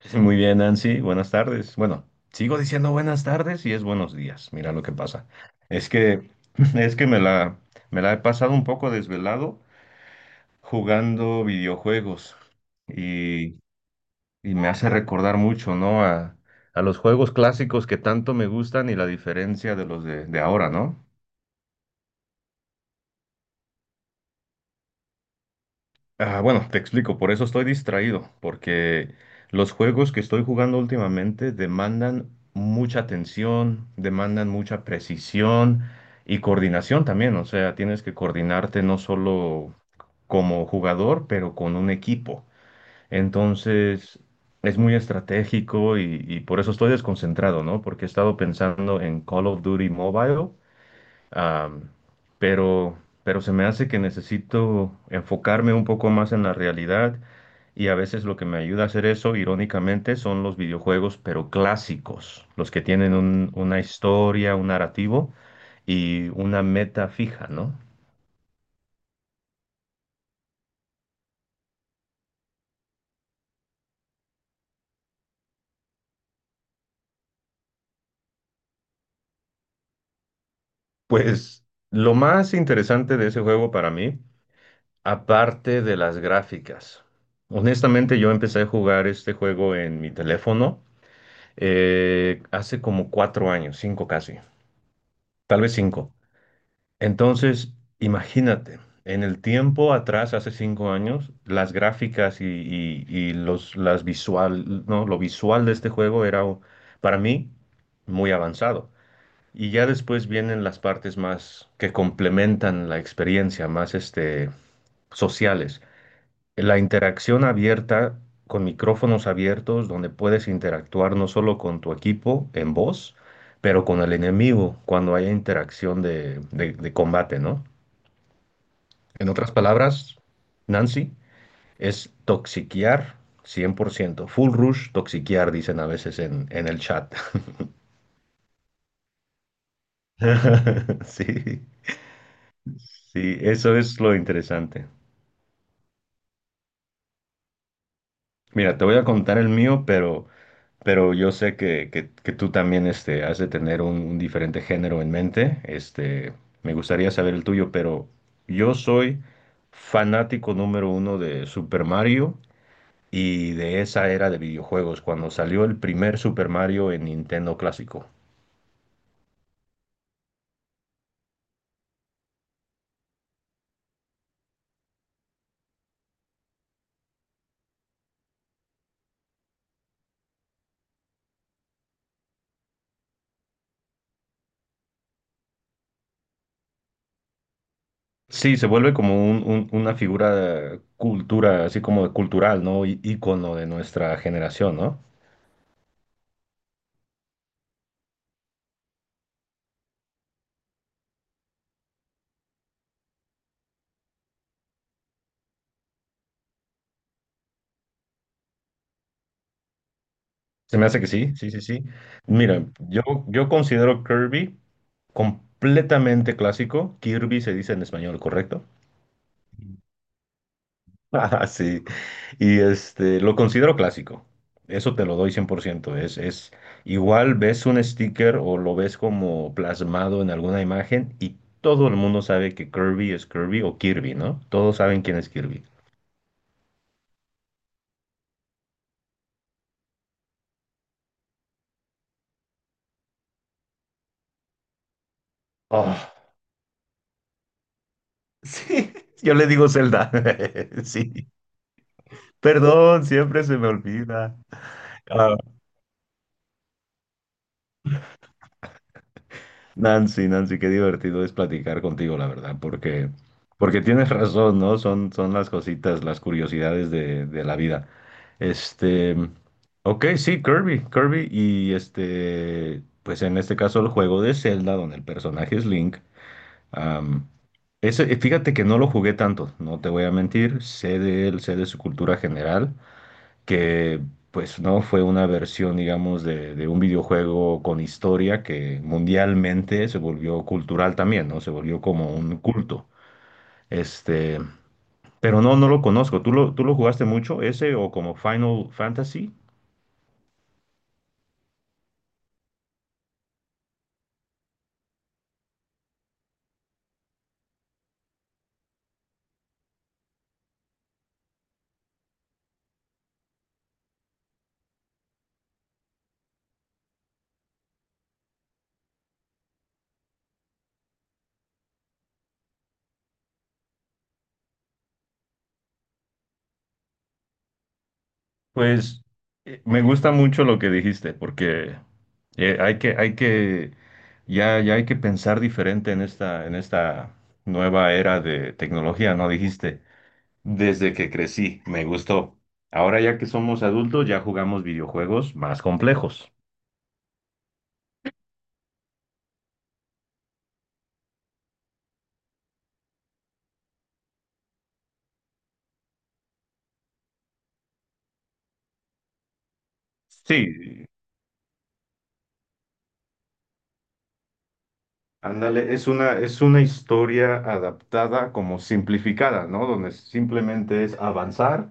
Sí, muy bien, Nancy, buenas tardes. Bueno, sigo diciendo buenas tardes y es buenos días. Mira lo que pasa. Es que es que me la he pasado un poco desvelado jugando videojuegos y, y me hace recordar mucho, ¿no? A los juegos clásicos que tanto me gustan y la diferencia de los de ahora, ¿no? Ah, bueno, te explico, por eso estoy distraído, porque los juegos que estoy jugando últimamente demandan mucha atención, demandan mucha precisión y coordinación también, o sea, tienes que coordinarte no solo como jugador, pero con un equipo. Entonces, es muy estratégico y por eso estoy desconcentrado, ¿no? Porque he estado pensando en Call of Duty Mobile. Am, pero, pero se me hace que necesito enfocarme un poco más en la realidad y a veces lo que me ayuda a hacer eso, irónicamente, son los videojuegos, pero clásicos, los que tienen una historia, un narrativo y una meta fija, ¿no? Pues lo más interesante de ese juego para mí, aparte de las gráficas. Honestamente, yo empecé a jugar este juego en mi teléfono hace como 4 años, cinco casi. Tal vez cinco. Entonces, imagínate, en el tiempo atrás, hace 5 años, las gráficas y los, las visual, no, lo visual de este juego era para mí muy avanzado. Y ya después vienen las partes más que complementan la experiencia, más este, sociales. La interacción abierta con micrófonos abiertos donde puedes interactuar no solo con tu equipo en voz, pero con el enemigo cuando haya interacción de combate, ¿no? En otras palabras, Nancy, es toxiquear 100%. Full rush toxiquear, dicen a veces en el chat. Sí, sí, eso es lo interesante. Mira, te voy a contar el mío, pero yo sé que tú también este, has de tener un diferente género en mente. Este, me gustaría saber el tuyo, pero yo soy fanático número uno de Super Mario y de esa era de videojuegos, cuando salió el primer Super Mario en Nintendo clásico. Sí, se vuelve como una figura cultura, así como cultural, ¿no? Ícono de nuestra generación, ¿no? Se me hace que sí, sí, sí, sí. Mira, yo considero Kirby completamente clásico. Kirby se dice en español, ¿correcto? Ah, sí. Y este, lo considero clásico. Eso te lo doy 100%. Es igual ves un sticker o lo ves como plasmado en alguna imagen y todo el mundo sabe que Kirby es Kirby o Kirby, ¿no? Todos saben quién es Kirby. Oh, sí, yo le digo Zelda. Sí. Perdón, siempre se me olvida. Nancy, Nancy, qué divertido es platicar contigo, la verdad, porque tienes razón, ¿no? Son las cositas, las curiosidades de la vida. Este, ok, sí, Kirby, Kirby, y este, pues en este caso el juego de Zelda, donde el personaje es Link, am, ese, fíjate que no lo jugué tanto, no te voy a mentir, sé de él, sé de su cultura general, que pues no fue una versión, digamos, de un videojuego con historia que mundialmente se volvió cultural también, ¿no? Se volvió como un culto. Este, pero no, no lo conozco. ¿Tú lo jugaste mucho ese o como Final Fantasy? Pues me gusta mucho lo que dijiste, porque eh, hay que, hay que, ya hay que pensar diferente en esta nueva era de tecnología, ¿no? Dijiste, desde que crecí, me gustó. Ahora ya que somos adultos, ya jugamos videojuegos más complejos. Sí, ándale, es una historia adaptada como simplificada, ¿no? Donde simplemente es avanzar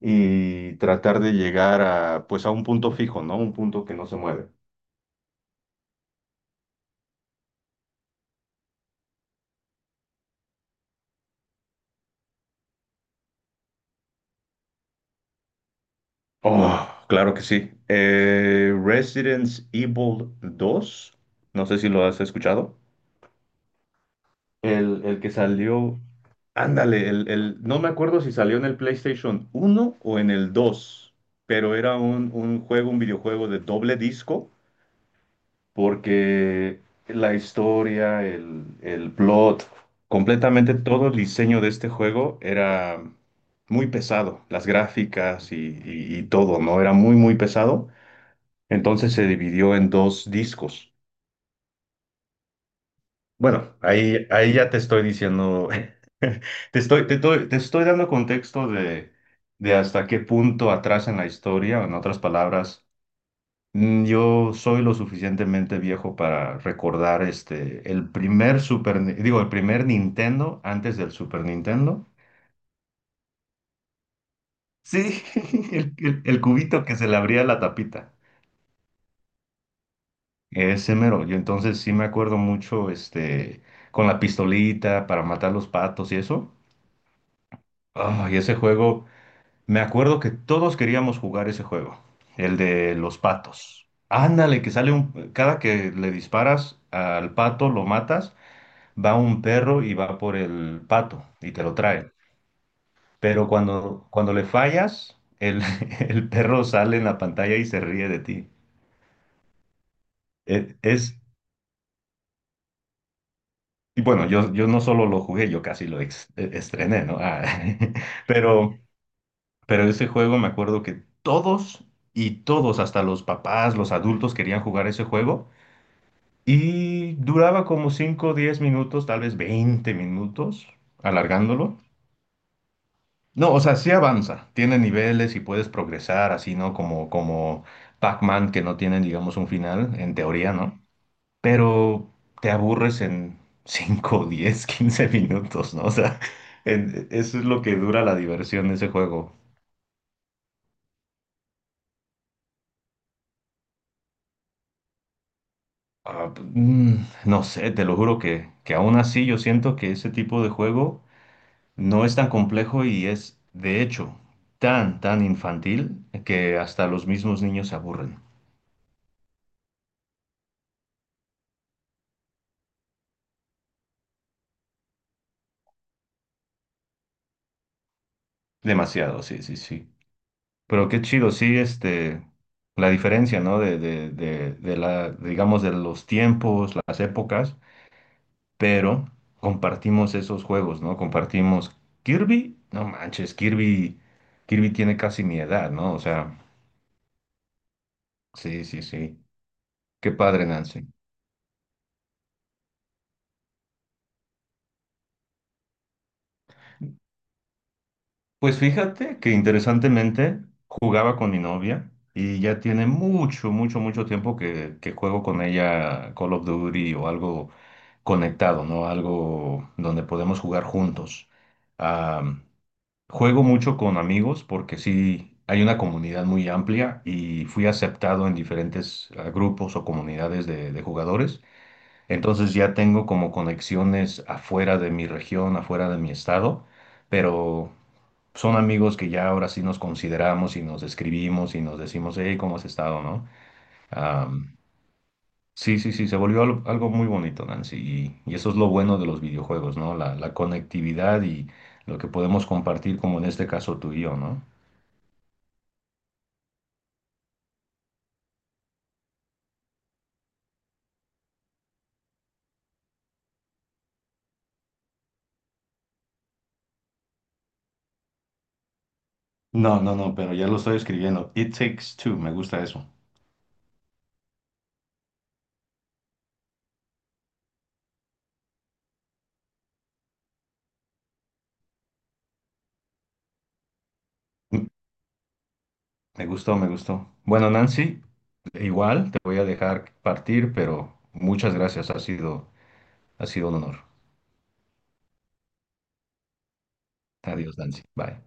y tratar de llegar a, pues a un punto fijo, ¿no? Un punto que no se mueve. Oh, claro que sí. Resident Evil 2, no sé si lo has escuchado. El que salió, ándale, no me acuerdo si salió en el PlayStation 1 o en el dos, pero era un videojuego de doble disco, porque la historia, el plot, completamente todo el diseño de este juego era muy pesado, las gráficas y todo, ¿no? Era muy, muy pesado, entonces se dividió en dos discos. Bueno, ahí ya te estoy diciendo, te estoy dando contexto de hasta qué punto atrás en la historia, en otras palabras, yo soy lo suficientemente viejo para recordar este, el primer Super, Ni- digo, el primer Nintendo antes del Super Nintendo. Sí, el cubito que se le abría la tapita. Ese mero. Yo entonces sí me acuerdo mucho este, con la pistolita para matar los patos y eso. Ah, y ese juego. Me acuerdo que todos queríamos jugar ese juego, el de los patos. Ándale, que sale cada que le disparas al pato, lo matas, va un perro y va por el pato y te lo trae. Pero cuando le fallas, el perro sale en la pantalla y se ríe de ti. E- Es... Y bueno, yo no solo lo jugué, yo casi lo estrené, ¿no? Ah, pero, pero ese juego me acuerdo que todos y todos, hasta los papás, los adultos querían jugar ese juego. Y duraba como 5 o 10 minutos, tal vez 20 minutos, alargándolo. No, o sea, sí avanza, tiene niveles y puedes progresar, así, ¿no? Como Pac-Man, que no tienen, digamos, un final, en teoría, ¿no? Pero te aburres en 5 10 15 minutos, ¿no? O sea, eso es lo que dura la diversión de ese juego. Ah, no sé, te lo juro que aún así yo siento que ese tipo de juego no es tan complejo y es, de hecho, tan, tan infantil que hasta los mismos niños se aburren. Demasiado, sí, sí, sí. Pero qué chido, sí, este, la diferencia, ¿no? De la, digamos, de los tiempos, las épocas, pero compartimos esos juegos, ¿no? Compartimos Kirby, no manches, Kirby, Kirby tiene casi mi edad, ¿no? O sea, sí, sí, sí. Qué padre, Nancy. Pues fíjate que interesantemente jugaba con mi novia y ya tiene mucho, mucho, mucho tiempo que juego con ella Call of Duty o algo conectado, ¿no? Algo donde podemos jugar juntos. Am, juego mucho con amigos porque sí, hay una comunidad muy amplia y fui aceptado en diferentes grupos o comunidades de jugadores. Entonces ya tengo como conexiones afuera de mi región, afuera de mi estado, pero son amigos que ya ahora sí nos consideramos y nos escribimos y nos decimos, hey, ¿cómo has estado, no? Am, sí, sí, sí, se volvió algo muy bonito, Nancy, y eso es lo bueno de los videojuegos, ¿no? La conectividad y lo que podemos compartir, como en este caso tú y yo, ¿no? No, no, no, pero ya lo estoy escribiendo. It takes two, me gusta eso. Mm, Me gustó, me gustó. Bueno, Nancy, igual te voy a dejar partir, pero muchas gracias, ha sido un honor. Adiós, Nancy. Bye.